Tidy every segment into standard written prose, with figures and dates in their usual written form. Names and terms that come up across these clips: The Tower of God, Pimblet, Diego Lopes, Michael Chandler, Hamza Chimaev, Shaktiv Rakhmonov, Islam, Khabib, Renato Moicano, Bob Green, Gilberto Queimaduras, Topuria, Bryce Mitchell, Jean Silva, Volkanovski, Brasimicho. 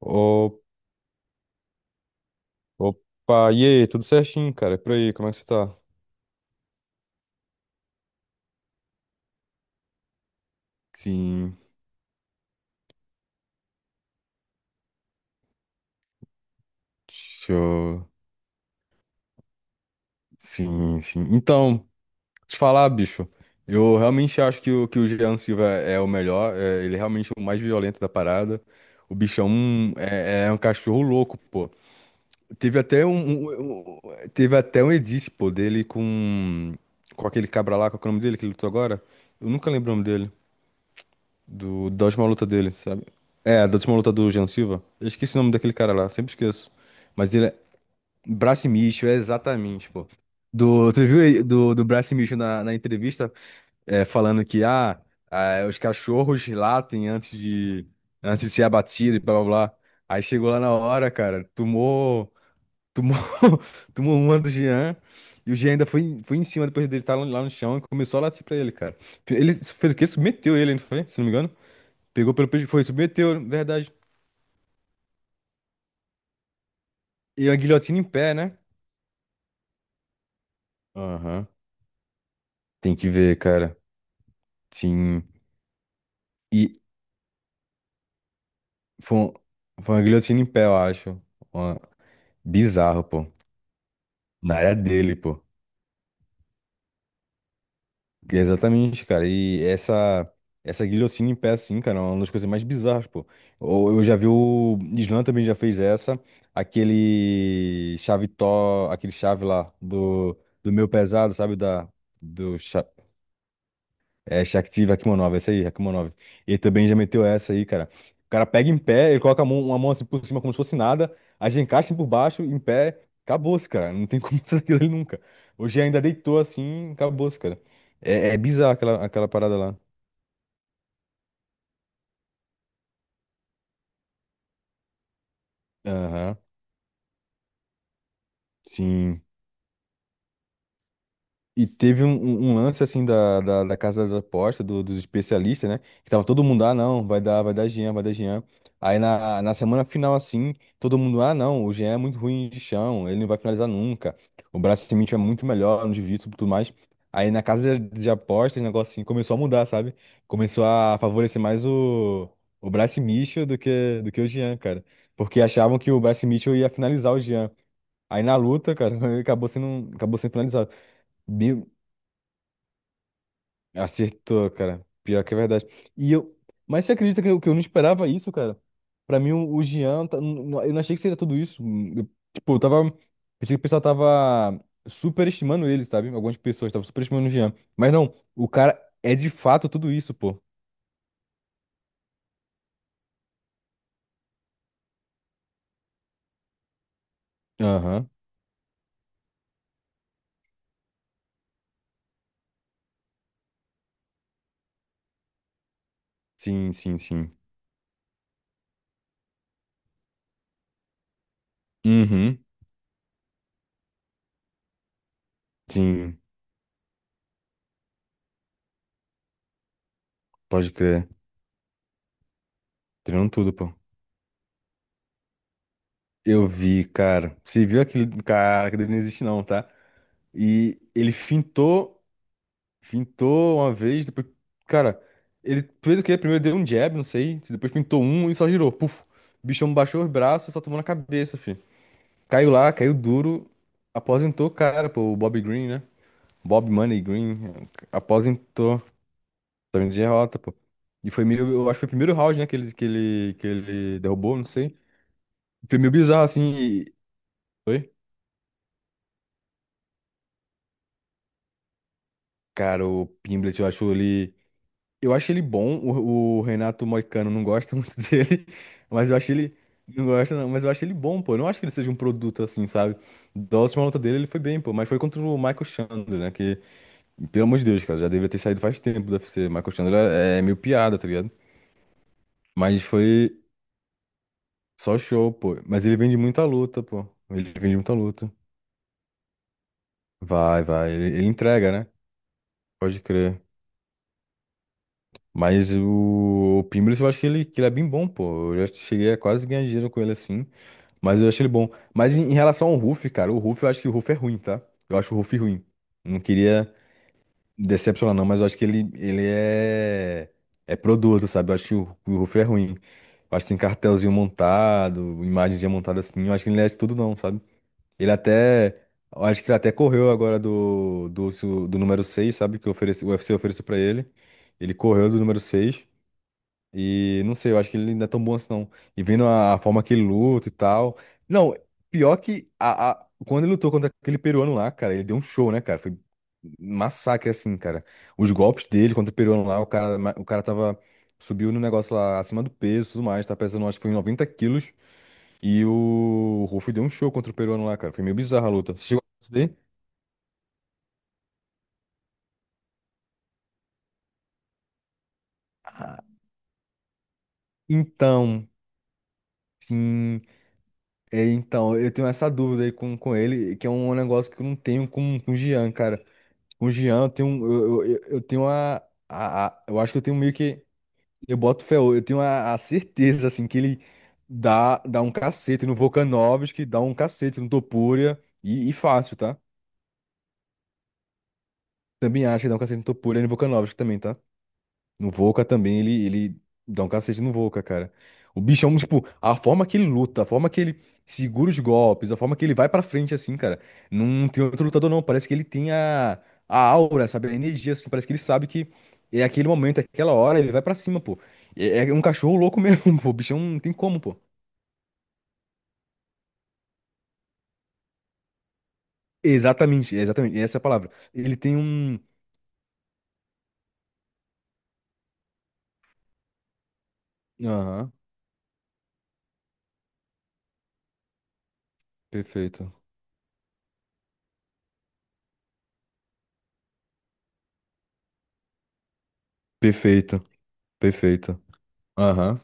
Ô- Opa, e aí, tudo certinho, cara? E por aí, como é que você tá? Sim, deixa eu... Sim, sim. Então, te falar, bicho, eu realmente acho que o Jean Silva é o melhor, é, ele é realmente o mais violento da parada. O bichão é um cachorro louco, pô. Teve até um edit, pô, dele com aquele cabra lá, qual que é o nome dele que ele lutou agora? Eu nunca lembro o nome dele. Da última luta dele, sabe? É, da última luta do Jean Silva. Eu esqueci o nome daquele cara lá, sempre esqueço. Mas ele é. Brasimicho, é exatamente, pô. Do, tu viu ele- do, do Brasimicho na entrevista falando que os cachorros latem antes antes de ser abatido e blá blá blá. Aí chegou lá na hora, cara, tomou, tomou uma do Jean. E o Jean ainda foi em cima depois dele estar lá no chão e começou a latir pra ele, cara. Ele fez o quê? Submeteu ele, não foi? Se não me engano. Pegou pelo peito, foi, submeteu, na verdade. E a guilhotina em pé, né? Aham. Tem que ver, cara. Sim. E foi, um- foi uma guilhotina em pé, eu acho. Uma- Bizarro, pô. Na área dele, pô. E exatamente, cara. Essa guilhotina em pé, assim, cara, é uma das coisas mais bizarras, pô. Ou eu já vi o Islam também já fez essa. Aquele chave tó, aquele chave lá do meu pesado, sabe? Da, do, cha- É, Shaktiv Rakhmonov, essa aí, Rakhmonov. Ele também já meteu essa aí, cara. O cara pega em pé, ele coloca a mão, uma mão assim por cima como se fosse nada, a gente encaixa por baixo, em pé, acabou-se, cara. Não tem como sair dele nunca. Hoje ainda deitou assim, acabou-se, cara. É, é bizarro aquela, aquela parada lá. Aham, sim. E teve um lance assim da Casa das Apostas, dos especialistas, né? Que tava todo mundo, ah, não, vai dar Jean, vai dar Jean. Aí na semana final, assim, todo mundo, ah, não, o Jean é muito ruim de chão, ele não vai finalizar nunca. O braço cimento é muito melhor no divisa e tudo mais. Aí na Casa de Apostas, o negócio assim começou a mudar, sabe? Começou a favorecer mais o Bryce Mitchell do que o Jean, cara. Porque achavam que o Bryce Mitchell ia finalizar o Jean. Aí na luta, cara, ele acabou sendo finalizado. Acertou, cara. Pior que é verdade. E eu. Mas você acredita que eu não esperava isso, cara? Pra mim, o Jean. Eu não achei que seria tudo isso. Eu, tipo, eu tava. Pensei que o pessoal tava superestimando ele, sabe? Algumas pessoas estavam superestimando o Jean. Mas não, o cara é de fato tudo isso, pô. Aham. Sim, sim, sim. Uhum. Sim, pode crer. Treinando tudo, pô. Eu vi, cara. Você viu aquele cara que dele não existe, não, tá? E ele fintou. Fintou uma vez, depois. Cara, ele fez o quê? Primeiro deu um jab, não sei. Depois fintou um e só girou. Puf. O bichão baixou os braços e só tomou na cabeça, filho. Caiu lá, caiu duro. Aposentou, o cara, pô. O Bob Green, né? Bob Money Green. Aposentou. Também de derrota, pô. E foi meio. Eu acho que foi o primeiro round, né? Que ele derrubou, não sei. Foi meio bizarro, assim. E- Foi? Cara, o Pimblet, eu acho ele. Eu acho ele bom, o Renato Moicano não gosta muito dele, mas eu acho ele. Não gosta, não, mas eu acho ele bom, pô. Eu não acho que ele seja um produto assim, sabe? Da última luta dele, ele foi bem, pô. Mas foi contra o Michael Chandler, né? Que, pelo amor de Deus, cara, já deveria ter saído faz tempo do UFC. Michael Chandler é meio piada, tá ligado? Mas foi só show, pô. Mas ele vende muita luta, pô. Ele vende muita luta. Vai, vai. Ele entrega, né? Pode crer. Mas o Pimblis, eu acho que ele é bem bom, pô. Eu já cheguei a quase ganhar dinheiro com ele assim. Mas eu acho ele bom. Mas em, em relação ao Ruff, cara, o Ruff, eu acho que o Ruff é ruim, tá? Eu acho o Ruff ruim. Não queria decepcionar, não, mas eu acho ele é, é produto, sabe? Eu acho que o Ruff é ruim. Eu acho que tem cartelzinho montado, imagenzinha montada assim. Eu acho que ele não é isso tudo, não, sabe? Ele até. Eu acho que ele até correu agora do número 6 sabe? Que oferece, o UFC ofereceu pra ele. Ele correu do número 6 e não sei, eu acho que ele não é tão bom assim, não. E vendo a forma que ele luta e tal. Não, pior que quando ele lutou contra aquele peruano lá, cara, ele deu um show, né, cara? Foi um massacre, assim, cara. Os golpes dele contra o peruano lá, o cara tava. Subiu no negócio lá acima do peso e tudo mais, tá pesando, acho que foi 90 quilos. E o Ruff deu um show contra o peruano lá, cara. Foi meio bizarra a luta. Você chegou a assistir isso daí? Ah, então, sim. É, então, eu tenho essa dúvida aí com ele, que é um negócio que eu não tenho com o Jean, cara. Com o Jean, eu eu tenho uma, eu acho que eu tenho meio que, eu boto fé, eu tenho a certeza, assim, que ele dá um cacete no Volkanovski, dá um cacete no Topuria, e fácil, tá? Também acho que dá um cacete no Topuria e no Volkanovski também, tá? O Volca também, ele dá um cacete no Volca, cara. O bichão, tipo, a forma que ele luta, a forma que ele segura os golpes, a forma que ele vai pra frente, assim, cara. Não tem outro lutador, não. Parece que ele tem a aura, sabe? A energia, assim. Parece que ele sabe que é aquele momento, é aquela hora, ele vai pra cima, pô. É, é um cachorro louco mesmo, pô. O bichão não tem como, pô. Exatamente, exatamente. Essa é a palavra. Ele tem um. Aham, perfeito. Perfeito, perfeito. Aham.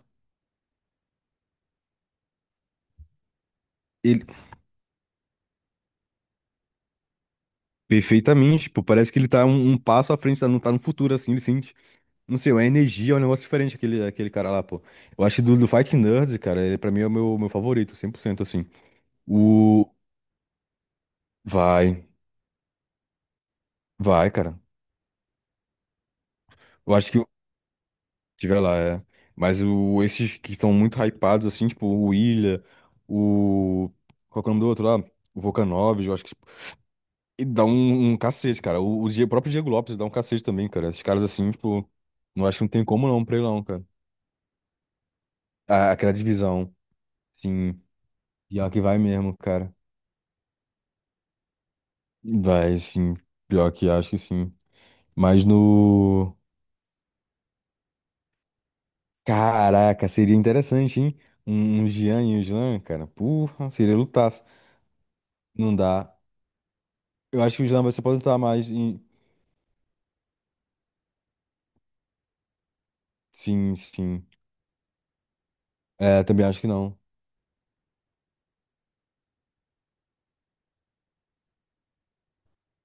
Perfeitamente, tipo, parece que ele tá um passo à frente, tá tá no futuro, assim, ele sente, não sei, uma energia, é um negócio diferente aquele, aquele cara lá, pô. Eu acho que do Fighting Nerds, cara, ele pra mim é o meu, meu favorito, 100% assim. O... Vai, vai, cara. Eu acho que o... Tiver lá, é. Mas o, esses que estão muito hypados, assim, tipo, o Ilha, o... Qual que é o nome do outro lá? O Volkanovski, eu acho que, tipo, ele dá um cacete, cara. O próprio Diego Lopes dá um cacete também, cara. Esses caras, assim, tipo, não acho que não tem como não pra ele não, cara. A- aquela divisão, sim. Pior que vai mesmo, cara. Vai, sim. Pior que acho que sim. Mas no. Caraca, seria interessante, hein? Um Jean e um Islam, cara. Porra, seria lutaço. Não dá. Eu acho que o Islam vai se aposentar mais. Em- Sim, sim. É, também acho que não.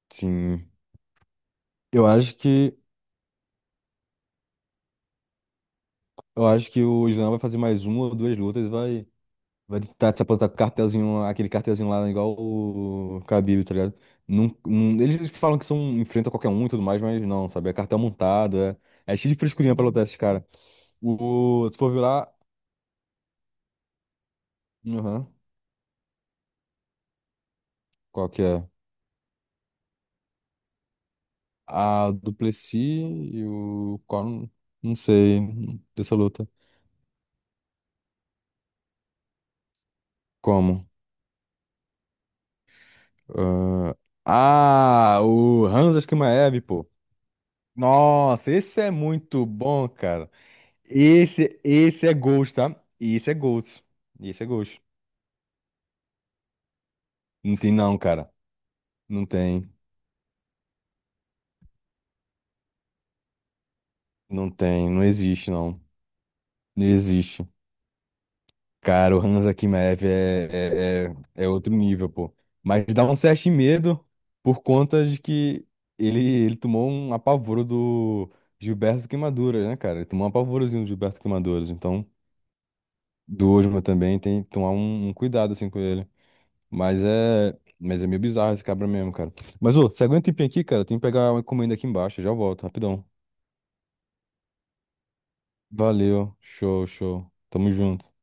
Sim. Eu acho que. Eu acho que o Islam vai fazer mais uma ou duas lutas e vai. Vai tentar se aposentar com cartelzinho, aquele cartelzinho lá, igual o Khabib, tá ligado? Eles falam que são, enfrentam qualquer um e tudo mais, mas não, sabe? É cartel montado, é, é cheio de frescurinha pra lutar esses caras. O, tu for ver lá, aham, qual que é? A Duplessis e o... Qual, não sei, dessa luta. Como? ah, ah, o Hamza Chimaev, pô. Nossa, esse é muito bom, cara. Esse é Ghost, tá? Esse é Ghost. Esse é Ghost. Não tem não, cara. Não tem. Não tem. Não existe, não. Não existe. Cara, o Hansa Kimmerer é, é, é, é outro nível, pô. Mas dá um certo medo por conta de que ele, ele tomou um apavoro do Gilberto Queimaduras, né, cara? Ele tomou um apavorozinho do Gilberto Queimaduras. Então, do Osma também tem que tomar um cuidado, assim, com ele. Mas é. Mas é meio bizarro esse cabra mesmo, cara. Mas, ô, você aguenta um tempinho aqui, cara? Tem que pegar uma encomenda aqui embaixo. Eu já volto, rapidão. Valeu. Show, show. Tamo junto.